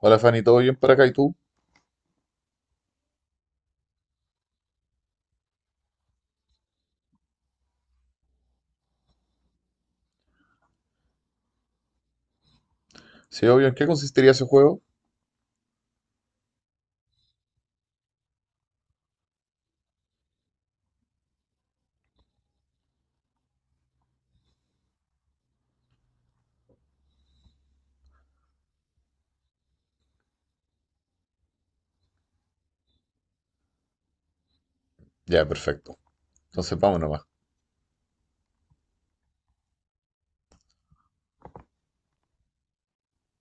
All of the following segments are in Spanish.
Hola Fanny, ¿todo bien para acá y tú? Sí, obvio, ¿en qué consistiría ese juego? Ya, perfecto. Entonces vamos nomás.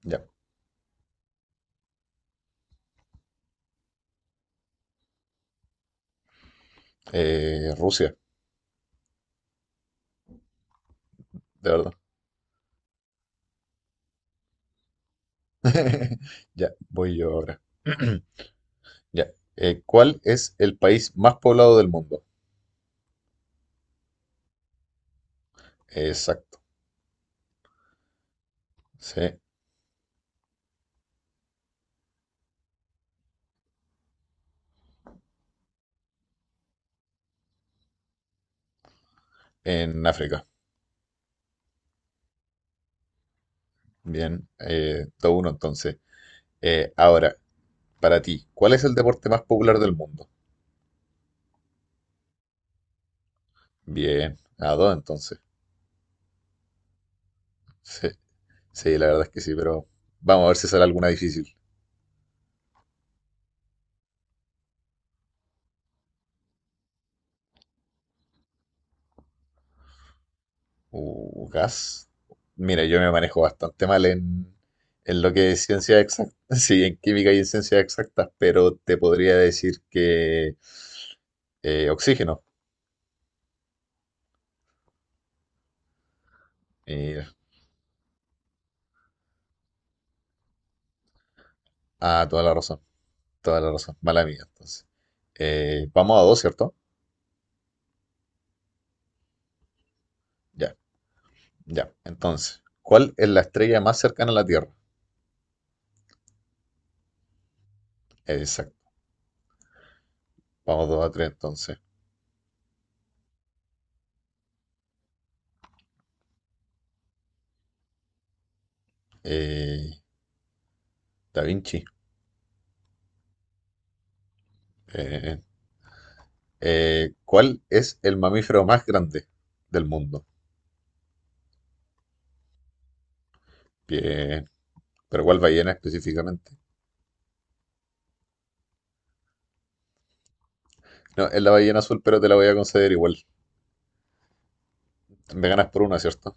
Ya. Rusia, de verdad. Ya, voy yo ahora. Ya. ¿Cuál es el país más poblado del mundo? Exacto. Sí, en África. Bien, todo uno entonces. Ahora, para ti, ¿cuál es el deporte más popular del mundo? Bien, a dos entonces. Sí, sí, la verdad es que sí, pero vamos a ver si sale alguna difícil. Gas. Mira, yo me manejo bastante mal en lo que es ciencia exacta, sí, en química y en ciencias exactas, pero te podría decir que oxígeno. Mira, ah, toda la razón, mala mía. Entonces, vamos a dos, ¿cierto? Ya, ya. Entonces, ¿cuál es la estrella más cercana a la Tierra? Exacto, vamos dos a tres entonces. Eh, Da Vinci. Eh, ¿Cuál es el mamífero más grande del mundo? Bien. Pero ¿cuál ballena específicamente? No, es la ballena azul, pero te la voy a conceder igual. Me ganas por una, ¿cierto?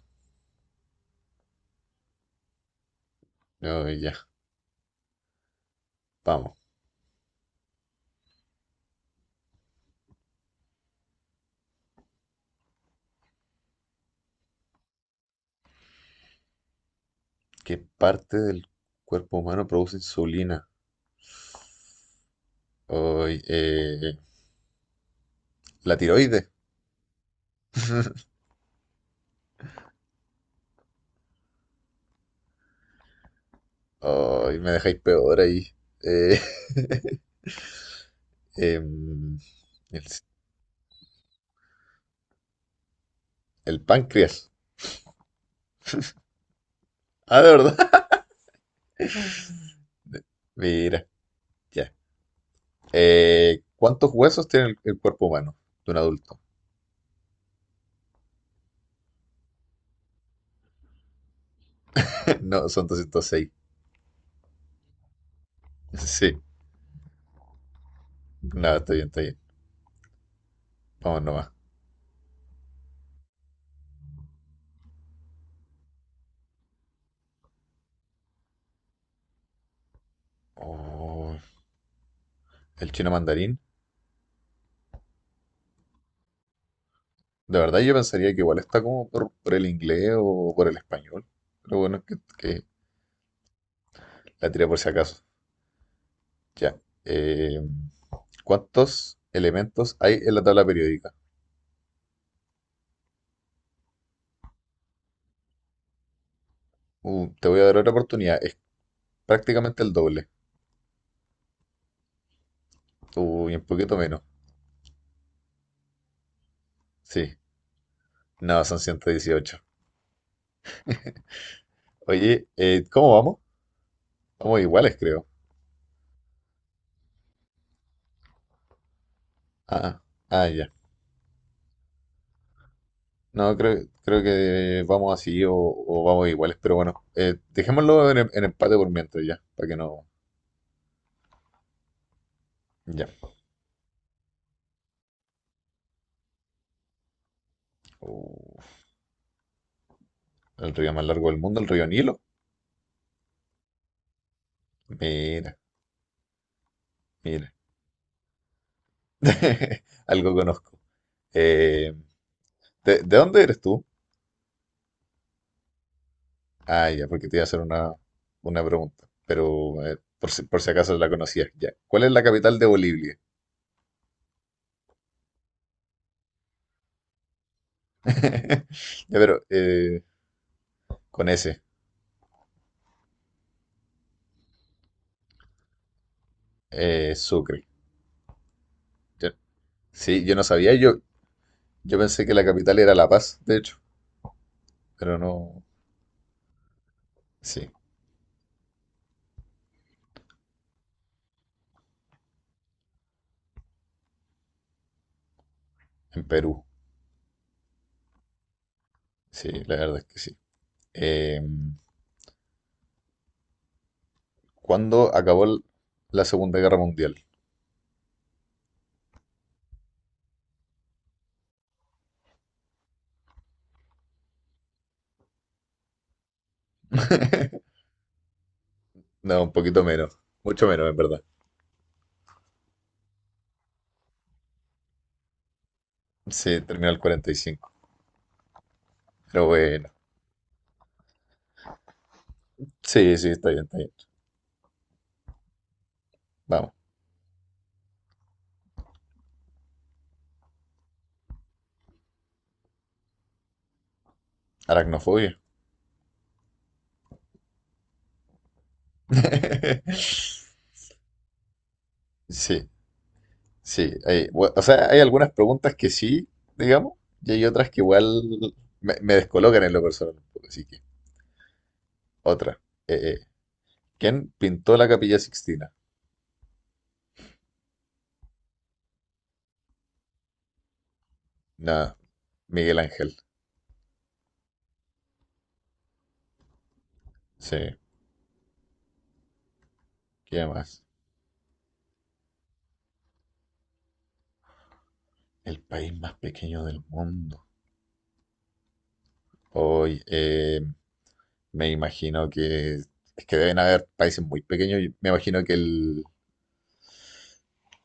No, ya, vamos. ¿Qué parte del cuerpo humano produce insulina? Ay, la tiroides. Ay, me dejáis peor ahí. Eh, em, el, el páncreas. Ah, de verdad. Mira, ya. ¿Cuántos huesos tiene el cuerpo humano de un adulto? No, son 206. Sí. No, está bien, está bien. Vamos nomás. Oh, el chino mandarín. De verdad yo pensaría que igual está como por el inglés o por el español. Pero bueno, que la tiré por si acaso. Ya. Eh, ¿Cuántos elementos hay en la tabla periódica? Te voy a dar otra oportunidad. Es prácticamente el doble. Uy, un poquito menos. Sí. No, son 118. Oye, ¿cómo vamos? Vamos iguales, creo. Ah, ya. No, creo que vamos así o vamos iguales, pero bueno, dejémoslo en empate por mientras ya, para que no... Ya. Uh, el río más largo del mundo, el río Nilo. Mira, mira. Algo conozco. Eh, ¿de dónde eres tú? Ah, ya, porque te iba a hacer una pregunta. Pero por si acaso la conocías, ya. ¿Cuál es la capital de Bolivia? Ya, pero con ese, Sucre. Yo- sí, yo no sabía, yo pensé que la capital era La Paz, de hecho, pero no. Sí, en Perú. Sí, la verdad es que sí. Eh, ¿Cuándo acabó la Segunda Guerra Mundial? No, un poquito menos. Mucho menos, en verdad. Sí, terminó el 45. Pero bueno. Sí, sí, está bien, está bien. Vamos. Aracnofobia. Sí, sí. O sea, hay algunas preguntas que sí, digamos, y hay otras que igual me descolocan en lo personal un poco. Así que, otra. Eh, eh, ¿Quién pintó la Capilla Sixtina? Nada, Miguel Ángel. Sí, ¿qué más? El país más pequeño del mundo. Hoy, me imagino que es que deben haber países muy pequeños. Y me imagino que el...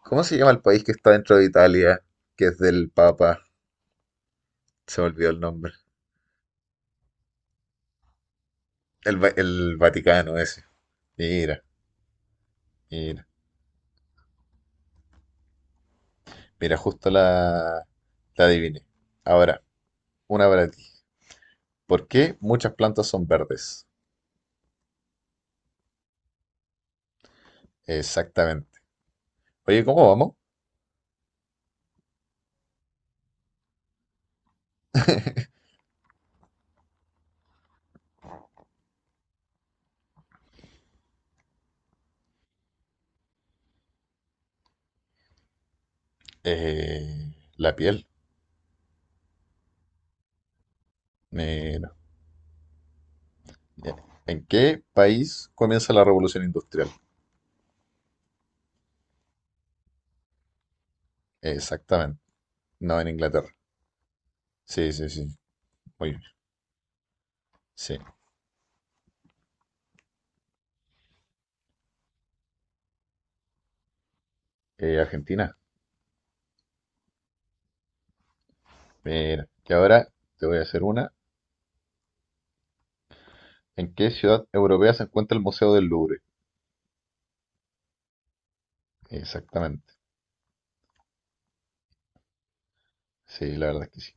¿Cómo se llama el país que está dentro de Italia? Que es del Papa. Se me olvidó el nombre. El Vaticano ese. Mira, mira. Mira, justo la adiviné. Ahora, una para ti. ¿Por qué muchas plantas son verdes? Exactamente. Oye, ¿cómo vamos? Eh, la piel. Mira. Ya. ¿En qué país comienza la revolución industrial? Exactamente. No, en Inglaterra. Sí, sí, sí. Muy bien. Sí. Argentina. Mira, y ahora te voy a hacer una. ¿En qué ciudad europea se encuentra el Museo del Louvre? Exactamente. Sí, la verdad es que sí.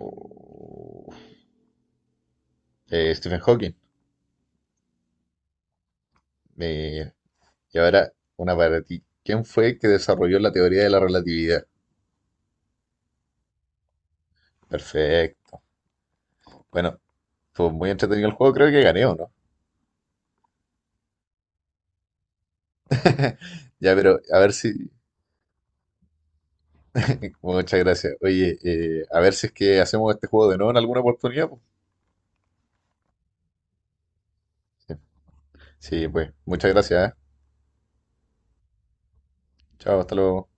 Oh. Stephen Hawking. Mira. Y ahora una para ti. ¿Quién fue el que desarrolló la teoría de la relatividad? Perfecto. Bueno, fue muy entretenido el juego. Creo que gané, ¿o no? Ya, pero a ver si... Muchas gracias. Oye, a ver si es que hacemos este juego de nuevo en alguna oportunidad, pues. Sí, sí, pues. Muchas gracias, ¿eh? Chao, hasta luego.